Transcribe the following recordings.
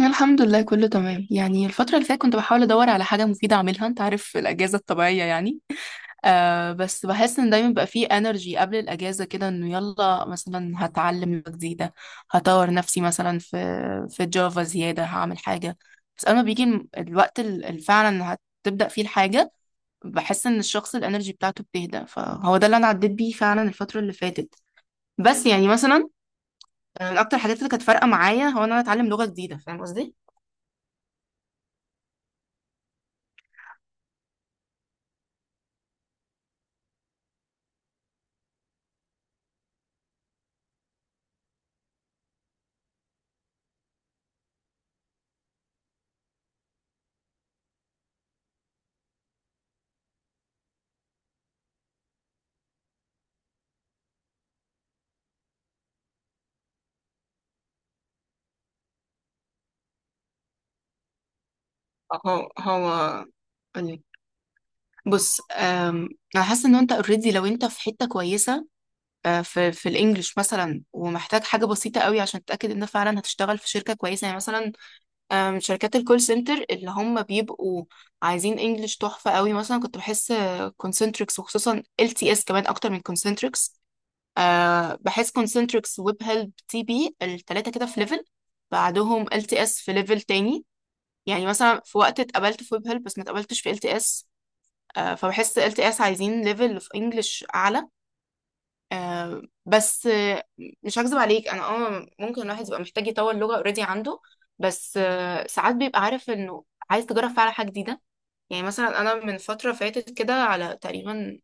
الحمد لله، كله تمام. يعني الفترة اللي فاتت كنت بحاول أدور على حاجة مفيدة أعملها. أنت عارف الأجازة الطبيعية يعني. بس بحس إن دايما بيبقى فيه انرجي قبل الأجازة، كده إنه يلا مثلا هتعلم لغة جديدة، هطور نفسي مثلا في جافا زيادة، هعمل حاجة. بس أما بيجي اللي فعلا هتبدأ فيه الحاجة بحس إن الشخص الانرجي بتاعته بتهدى. فهو ده اللي أنا عديت بيه فعلا الفترة اللي فاتت. بس يعني مثلا، من أكتر الحاجات اللي كانت فارقة معايا هو إن أنا أتعلم لغة جديدة. فاهم قصدي؟ هو هو، قولي. بص، انا حاسه ان انت اوريدي لو انت في حته كويسه. في الانجليش مثلا، ومحتاج حاجه بسيطه قوي عشان تتاكد ان فعلا هتشتغل في شركه كويسه. يعني مثلا، شركات الكول سنتر اللي هم بيبقوا عايزين انجليش تحفه قوي، مثلا كنت بحس كونسنتريكس، وخصوصا ال تي اس كمان اكتر من كونسنتريكس. بحس كونسنتريكس، ويب هيلب، تي بي الثلاثه كده في ليفل، بعدهم ال تي اس في ليفل تاني. يعني مثلا في وقت اتقبلت في ويب هيلب بس ما اتقبلتش في ال تي اس. فبحس ال تي اس عايزين ليفل في انجلش اعلى. آه، بس آه، مش هكذب عليك، انا ممكن الواحد يبقى محتاج يطور لغة اوريدي عنده. بس ساعات بيبقى عارف انه عايز تجرب فعلا حاجة جديدة. يعني مثلا انا من فترة فاتت، كده على تقريبا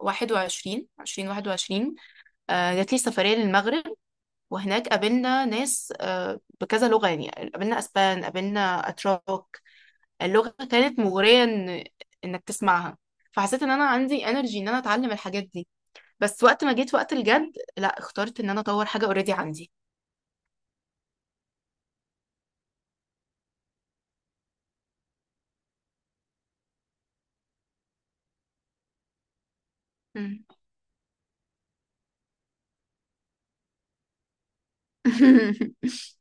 21 20 21. جات لي سفرية للمغرب، وهناك قابلنا ناس بكذا لغة، يعني قابلنا اسبان، قابلنا اتراك. اللغة كانت مغرية إن إنك تسمعها، فحسيت إن أنا عندي انرجي إن أنا أتعلم الحاجات دي. بس وقت ما جيت وقت الجد، لا، اخترت إن أنا أطور حاجة اوريدي عندي. مم.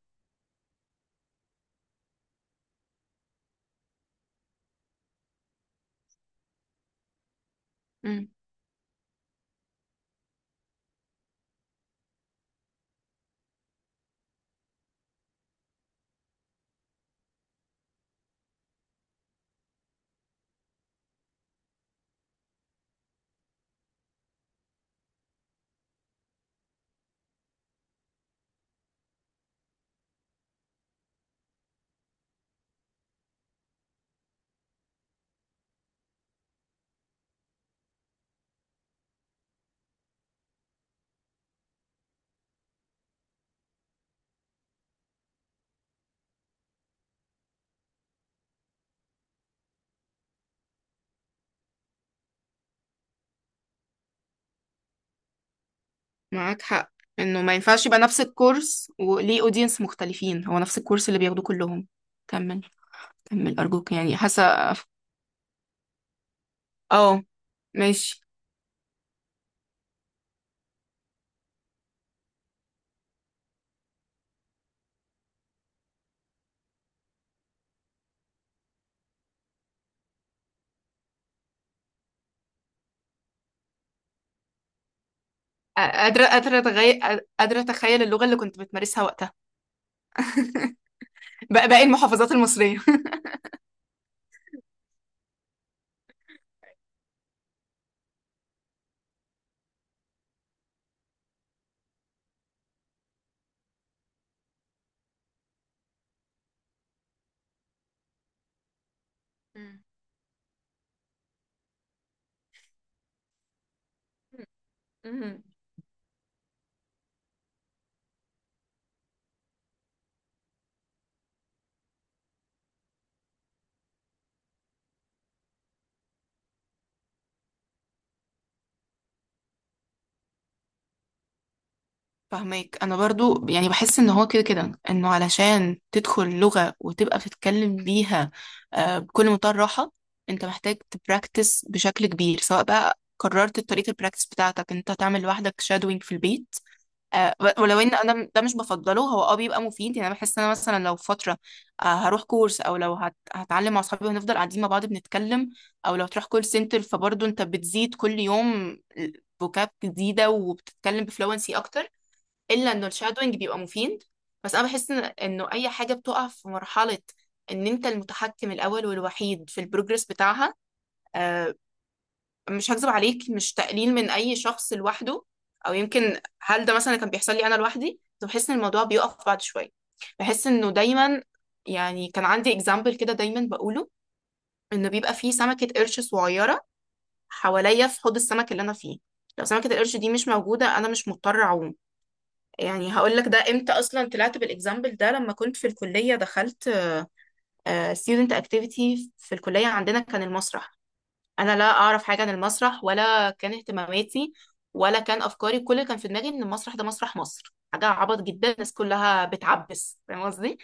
مم. معاك حق، إنه ما ينفعش يبقى نفس الكورس وليه أودينس مختلفين، هو نفس الكورس اللي بياخدوه كلهم. كمل. كمل أرجوك، يعني حاسة. اه. ماشي. قادرة أتخيل اللغة اللي كنت بتمارسها وقتها. بقى باقي المحافظات المصرية. مم. مم. فهماك. انا برضو يعني بحس ان هو كده كده انه علشان تدخل لغة وتبقى بتتكلم بيها بكل منتهى الراحة، انت محتاج تبراكتس بشكل كبير. سواء بقى قررت طريقة البراكتس بتاعتك انت تعمل لوحدك شادوينج في البيت، ولو ان انا ده مش بفضله، هو بيبقى مفيد. يعني انا بحس ان انا مثلا لو فترة هروح كورس، او لو هتعلم مع اصحابي وهنفضل قاعدين مع بعض بنتكلم، او لو تروح كول سنتر، فبرضو انت بتزيد كل يوم فوكاب جديدة وبتتكلم بفلونسي اكتر. الا انه الشادوينج بيبقى مفيد. بس انا بحس انه اي حاجه بتقع في مرحله ان انت المتحكم الاول والوحيد في البروجرس بتاعها. آه، مش هكذب عليك، مش تقليل من اي شخص لوحده، او يمكن هل ده مثلا كان بيحصل لي انا لوحدي. كنت بحس ان الموضوع بيقف بعد شويه، بحس انه دايما. يعني كان عندي اكزامبل كده دايما بقوله، انه بيبقى فيه سمكه قرش صغيره حواليا في حوض السمك اللي انا فيه، لو سمكه القرش دي مش موجوده انا مش مضطر اعوم. يعني هقول لك ده امتى اصلا طلعت بالاكزامبل ده. لما كنت في الكليه دخلت ستودنت اكتيفيتي في الكليه، عندنا كان المسرح. انا لا اعرف حاجه عن المسرح ولا كان اهتماماتي ولا كان افكاري. كل اللي كان في دماغي ان المسرح ده مسرح مصر، حاجه عبط جدا، الناس كلها بتعبس. فاهم قصدي؟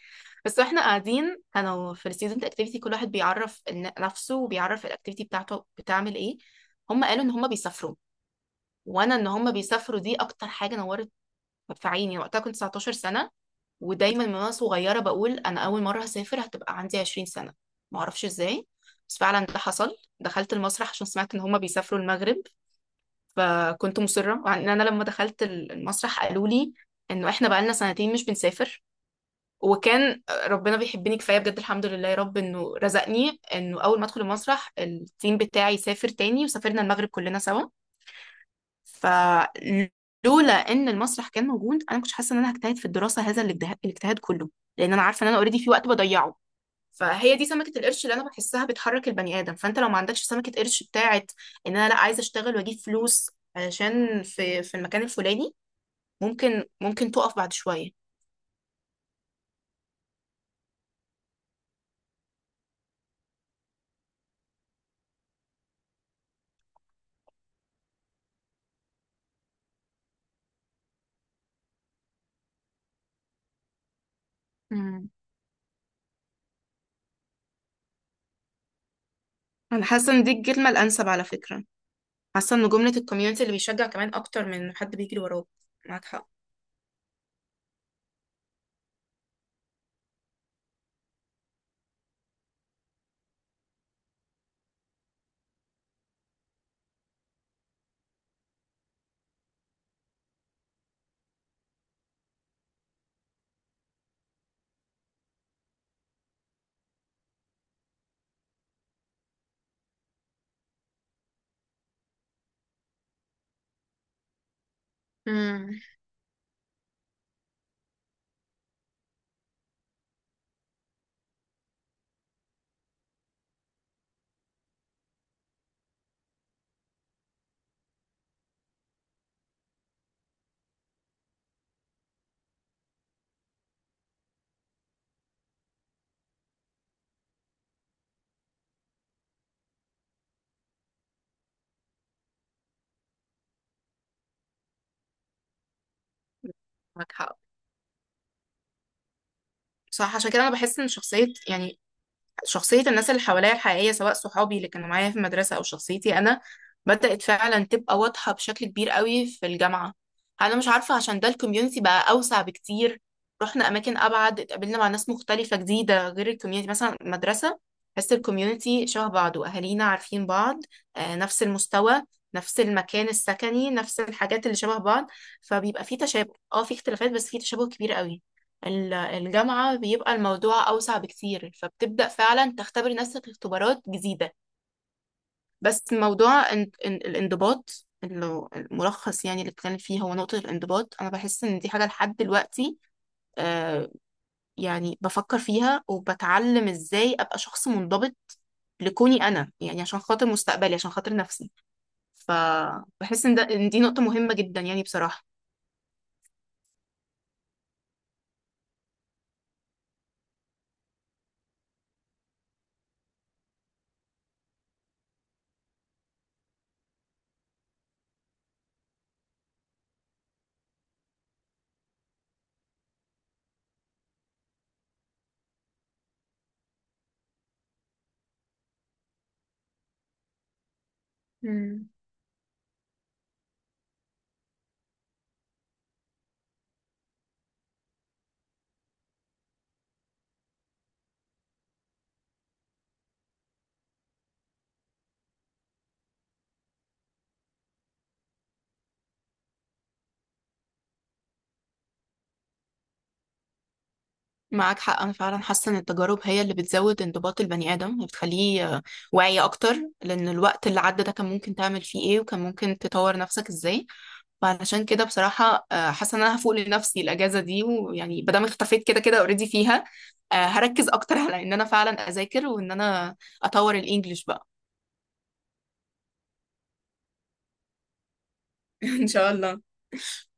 بس واحنا قاعدين كانوا في الستودنت اكتيفيتي، كل واحد بيعرف نفسه وبيعرف الاكتيفيتي بتاعته بتعمل ايه. هم قالوا ان هم بيسافروا، وانا ان هم بيسافروا دي اكتر حاجه نورت في عيني. وقتها كنت 19 سنه، ودايما من وانا صغيره بقول انا اول مره هسافر هتبقى عندي 20 سنه، معرفش ازاي. بس فعلا ده حصل، دخلت المسرح عشان سمعت ان هما بيسافروا المغرب. فكنت مصره، مع ان انا لما دخلت المسرح قالوا لي انه احنا بقالنا سنتين مش بنسافر. وكان ربنا بيحبني كفايه بجد، الحمد لله يا رب، انه رزقني انه اول ما ادخل المسرح التيم بتاعي سافر تاني، وسافرنا المغرب كلنا سوا. فلولا ان المسرح كان موجود انا كنت حاسه ان انا هجتهد في الدراسه هذا الاجتهاد، الاجتهاد كله، لان انا عارفه ان انا اوريدي في وقت بضيعه. فهي دي سمكه القرش اللي انا بحسها بتحرك البني ادم. فانت لو ما عندكش سمكه قرش بتاعت ان انا لا عايزه اشتغل واجيب فلوس عشان في في المكان الفلاني، ممكن تقف بعد شويه. مم. انا حاسه ان دي الكلمه الانسب على فكره. حاسه ان جمله الكوميونتي اللي بيشجع كمان اكتر من حد بيجري وراك. معاك حق. مم. معاك حق. صح، عشان كده انا بحس ان شخصيه يعني شخصية الناس اللي حواليا الحقيقية، سواء صحابي اللي كانوا معايا في المدرسة أو شخصيتي أنا، بدأت فعلا تبقى واضحة بشكل كبير قوي في الجامعة. أنا مش عارفة عشان ده الكوميونتي بقى أوسع بكتير، رحنا أماكن أبعد، اتقابلنا مع ناس مختلفة جديدة غير الكوميونتي مثلا المدرسة. بس الكوميونتي شبه بعض وأهالينا عارفين بعض، نفس المستوى، نفس المكان السكني، نفس الحاجات اللي شبه بعض. فبيبقى في تشابه، اه في اختلافات بس في تشابه كبير قوي. الجامعة بيبقى الموضوع أوسع بكتير، فبتبدأ فعلا تختبر نفسك اختبارات جديدة. بس موضوع الانضباط الملخص يعني اللي بتكلم فيه هو نقطة الانضباط. أنا بحس إن دي حاجة لحد دلوقتي. آه يعني بفكر فيها وبتعلم إزاي أبقى شخص منضبط، لكوني أنا يعني، عشان خاطر مستقبلي، عشان خاطر نفسي. فبحس إن دي نقطة مهمة جدا يعني بصراحة. معاك حق. أنا فعلا حاسة إن التجارب هي اللي بتزود انضباط البني آدم وبتخليه واعي أكتر، لأن الوقت اللي عدى ده كان ممكن تعمل فيه إيه وكان ممكن تطور نفسك إزاي. فعلشان كده بصراحة، حاسة إن أنا هفوق لنفسي الأجازة دي، ويعني مادام اختفيت كده كده أوريدي فيها. هركز أكتر على إن أنا فعلا أذاكر، وإن أنا أطور الإنجليش بقى. إن شاء الله.